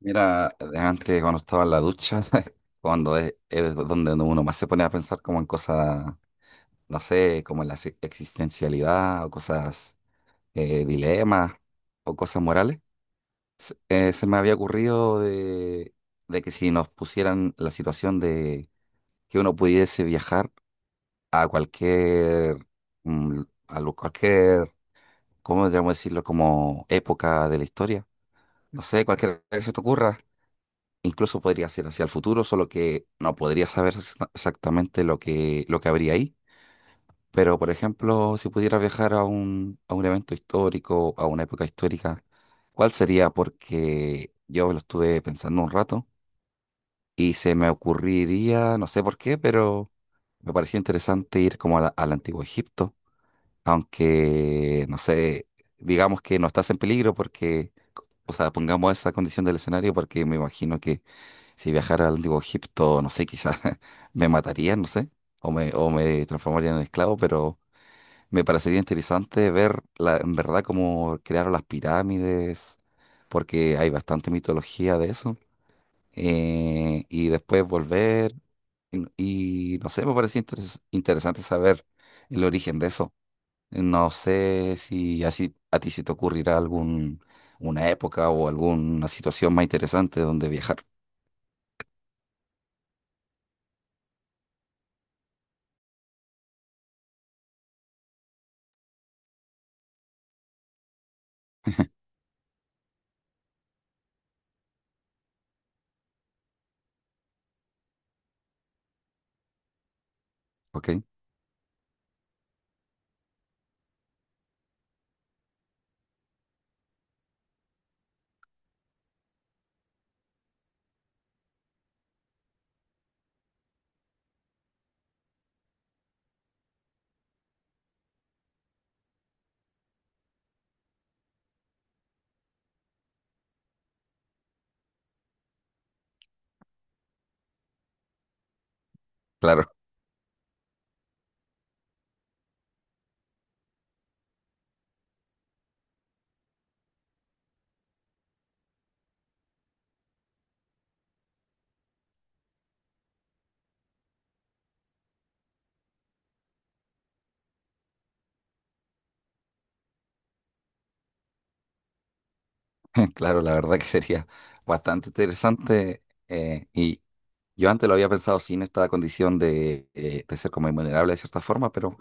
Mira, antes cuando estaba en la ducha, cuando es donde uno más se pone a pensar como en cosas, no sé, como en la existencialidad o cosas, dilemas o cosas morales, se me había ocurrido de que si nos pusieran la situación de que uno pudiese viajar a cualquier, mm, cualquier, ¿cómo deberíamos decirlo? Como época de la historia, no sé, cualquier que se te ocurra. Incluso podría ser hacia el futuro, solo que no podría saber exactamente lo que habría ahí. Pero, por ejemplo, si pudiera viajar a a un evento histórico, a una época histórica, ¿cuál sería? Porque yo lo estuve pensando un rato y se me ocurriría, no sé por qué, pero me parecía interesante ir como al Antiguo Egipto, aunque, no sé, digamos que no estás en peligro porque, o sea, pongamos esa condición del escenario porque me imagino que si viajara al antiguo Egipto, no sé, quizás me matarían, no sé, o me transformarían en esclavo, pero me parecería interesante ver la, en verdad cómo crearon las pirámides, porque hay bastante mitología de eso. Y después volver, y no sé, me parecía interesante saber el origen de eso. No sé si así a ti se te ocurrirá algún, una época o alguna situación más interesante donde viajar, ¿ok? Claro. Claro, la verdad que sería bastante interesante. Y yo antes lo había pensado sin esta condición de ser como invulnerable de cierta forma, pero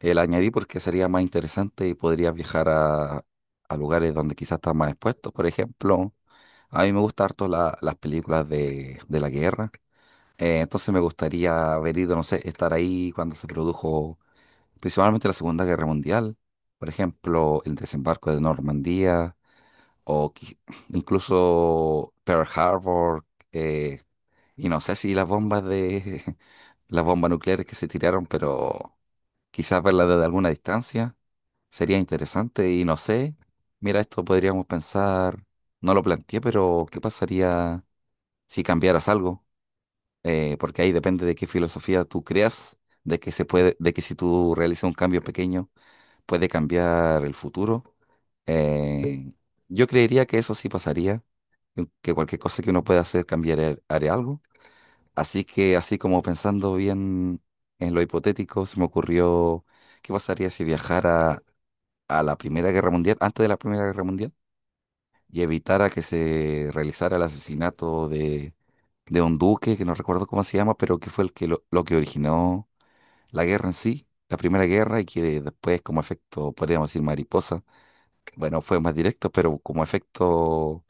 la añadí porque sería más interesante y podrías viajar a lugares donde quizás estás más expuesto. Por ejemplo, a mí me gustan harto las películas de la guerra. Entonces me gustaría haber ido, no sé, estar ahí cuando se produjo principalmente la Segunda Guerra Mundial. Por ejemplo, el desembarco de Normandía o incluso Pearl Harbor, eh, y no sé si las bombas de las bombas nucleares que se tiraron, pero quizás verlas desde alguna distancia sería interesante y no sé. Mira, esto podríamos pensar, no lo planteé, pero ¿qué pasaría si cambiaras algo? Porque ahí depende de qué filosofía tú creas, de que se puede, de que si tú realizas un cambio pequeño puede cambiar el futuro. Eh, yo creería que eso sí pasaría, que cualquier cosa que uno pueda hacer cambiaré haré algo. Así que, así como pensando bien en lo hipotético, se me ocurrió qué pasaría si viajara a la Primera Guerra Mundial, antes de la Primera Guerra Mundial, y evitara que se realizara el asesinato de un duque, que no recuerdo cómo se llama, pero que fue el que lo que originó la guerra en sí. La primera guerra y que después como efecto, podríamos decir mariposa, bueno, fue más directo, pero como efecto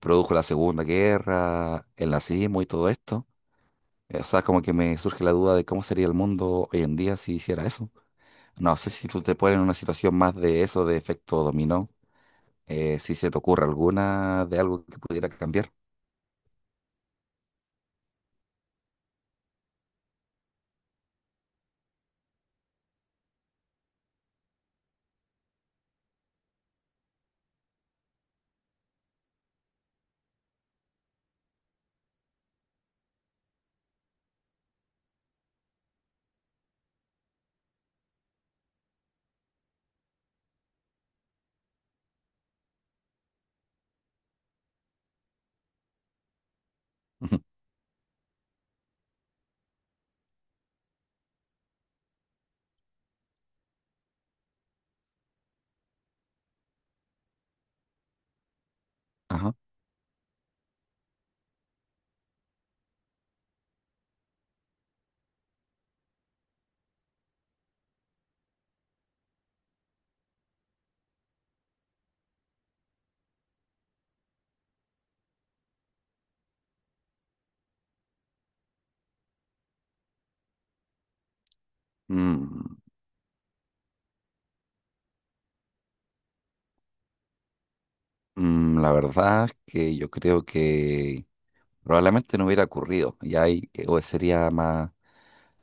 produjo la Segunda Guerra, el nazismo y todo esto. O sea, como que me surge la duda de cómo sería el mundo hoy en día si hiciera eso. No sé si tú te pones en una situación más de eso, de efecto dominó, si se te ocurre alguna de algo que pudiera cambiar. Ujú. Ajá. Mm, mm, la verdad es que yo creo que probablemente no hubiera ocurrido. Y ahí o sería más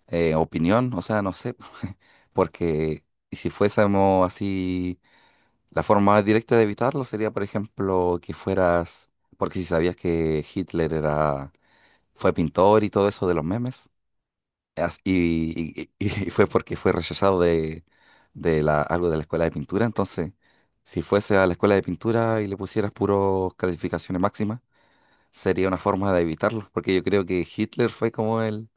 opinión, o sea, no sé, porque si fuésemos así. La forma más directa de evitarlo sería, por ejemplo, que fueras, porque si sabías que fue pintor y todo eso de los memes, y fue porque fue rechazado de la, algo de la escuela de pintura, entonces, si fuese a la escuela de pintura y le pusieras puros calificaciones máximas, sería una forma de evitarlo, porque yo creo que Hitler fue como el,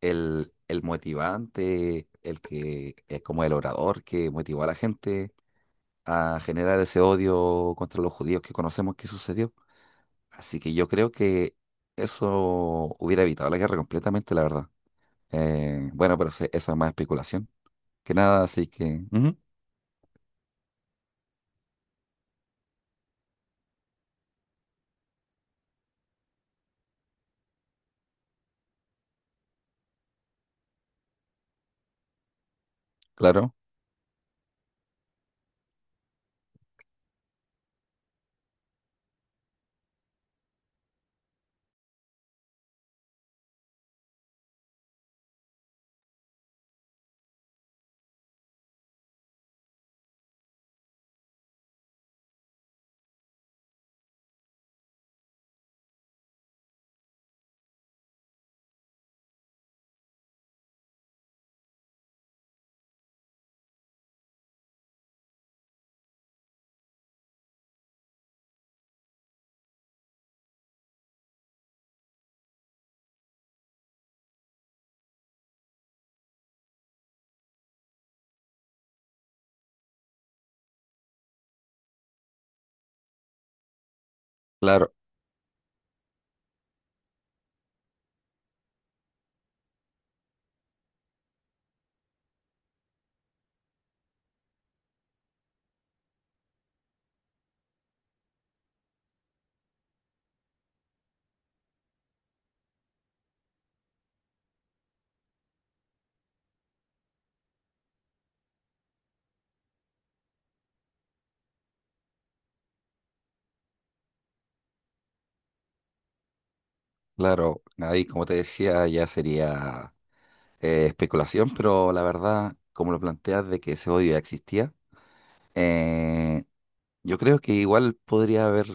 el, el motivante, como el orador que motivó a la gente a generar ese odio contra los judíos que conocemos que sucedió. Así que yo creo que eso hubiera evitado la guerra completamente, la verdad. Bueno, pero eso es más especulación que nada, así que, ujú, claro, claro, claro. Ahí, como te decía, ya sería especulación, pero la verdad, como lo planteas de que ese odio ya existía, eh, yo creo que igual podría haber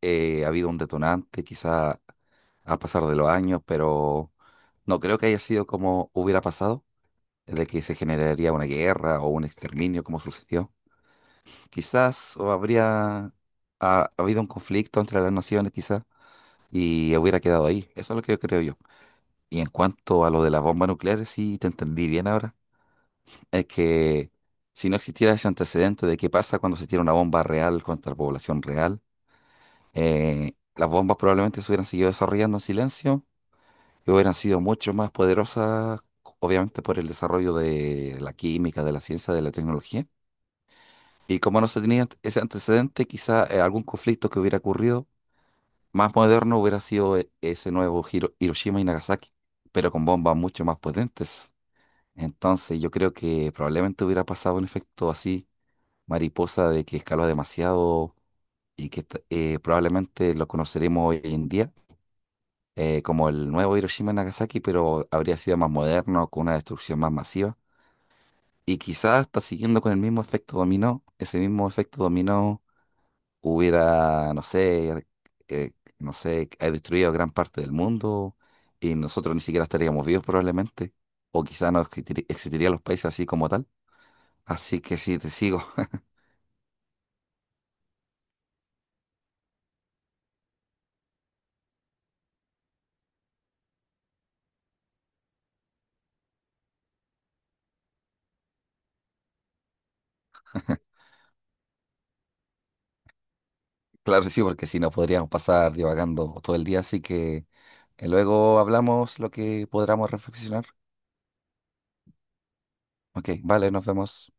habido un detonante, quizá a pasar de los años, pero no creo que haya sido como hubiera pasado, de que se generaría una guerra o un exterminio como sucedió. Quizás o habría habido un conflicto entre las naciones, quizás, y hubiera quedado ahí. Eso es lo que yo creo yo. Y en cuanto a lo de las bombas nucleares, sí te entendí bien ahora. Es que si no existiera ese antecedente de qué pasa cuando se tira una bomba real contra la población real, las bombas probablemente se hubieran seguido desarrollando en silencio y hubieran sido mucho más poderosas, obviamente por el desarrollo de la química, de la ciencia, de la tecnología. Y como no se tenía ese antecedente, quizá algún conflicto que hubiera ocurrido más moderno hubiera sido ese nuevo Hiroshima y Nagasaki, pero con bombas mucho más potentes. Entonces yo creo que probablemente hubiera pasado un efecto así, mariposa, de que escaló demasiado y que probablemente lo conoceremos hoy en día como el nuevo Hiroshima y Nagasaki, pero habría sido más moderno, con una destrucción más masiva. Y quizás hasta siguiendo con el mismo efecto dominó, ese mismo efecto dominó hubiera, no sé, eh, no sé, ha destruido gran parte del mundo y nosotros ni siquiera estaríamos vivos probablemente, o quizás no existirían los países así como tal. Así que sí, te sigo. Claro que sí, porque si no podríamos pasar divagando todo el día, así que luego hablamos lo que podamos reflexionar. Ok, vale, nos vemos.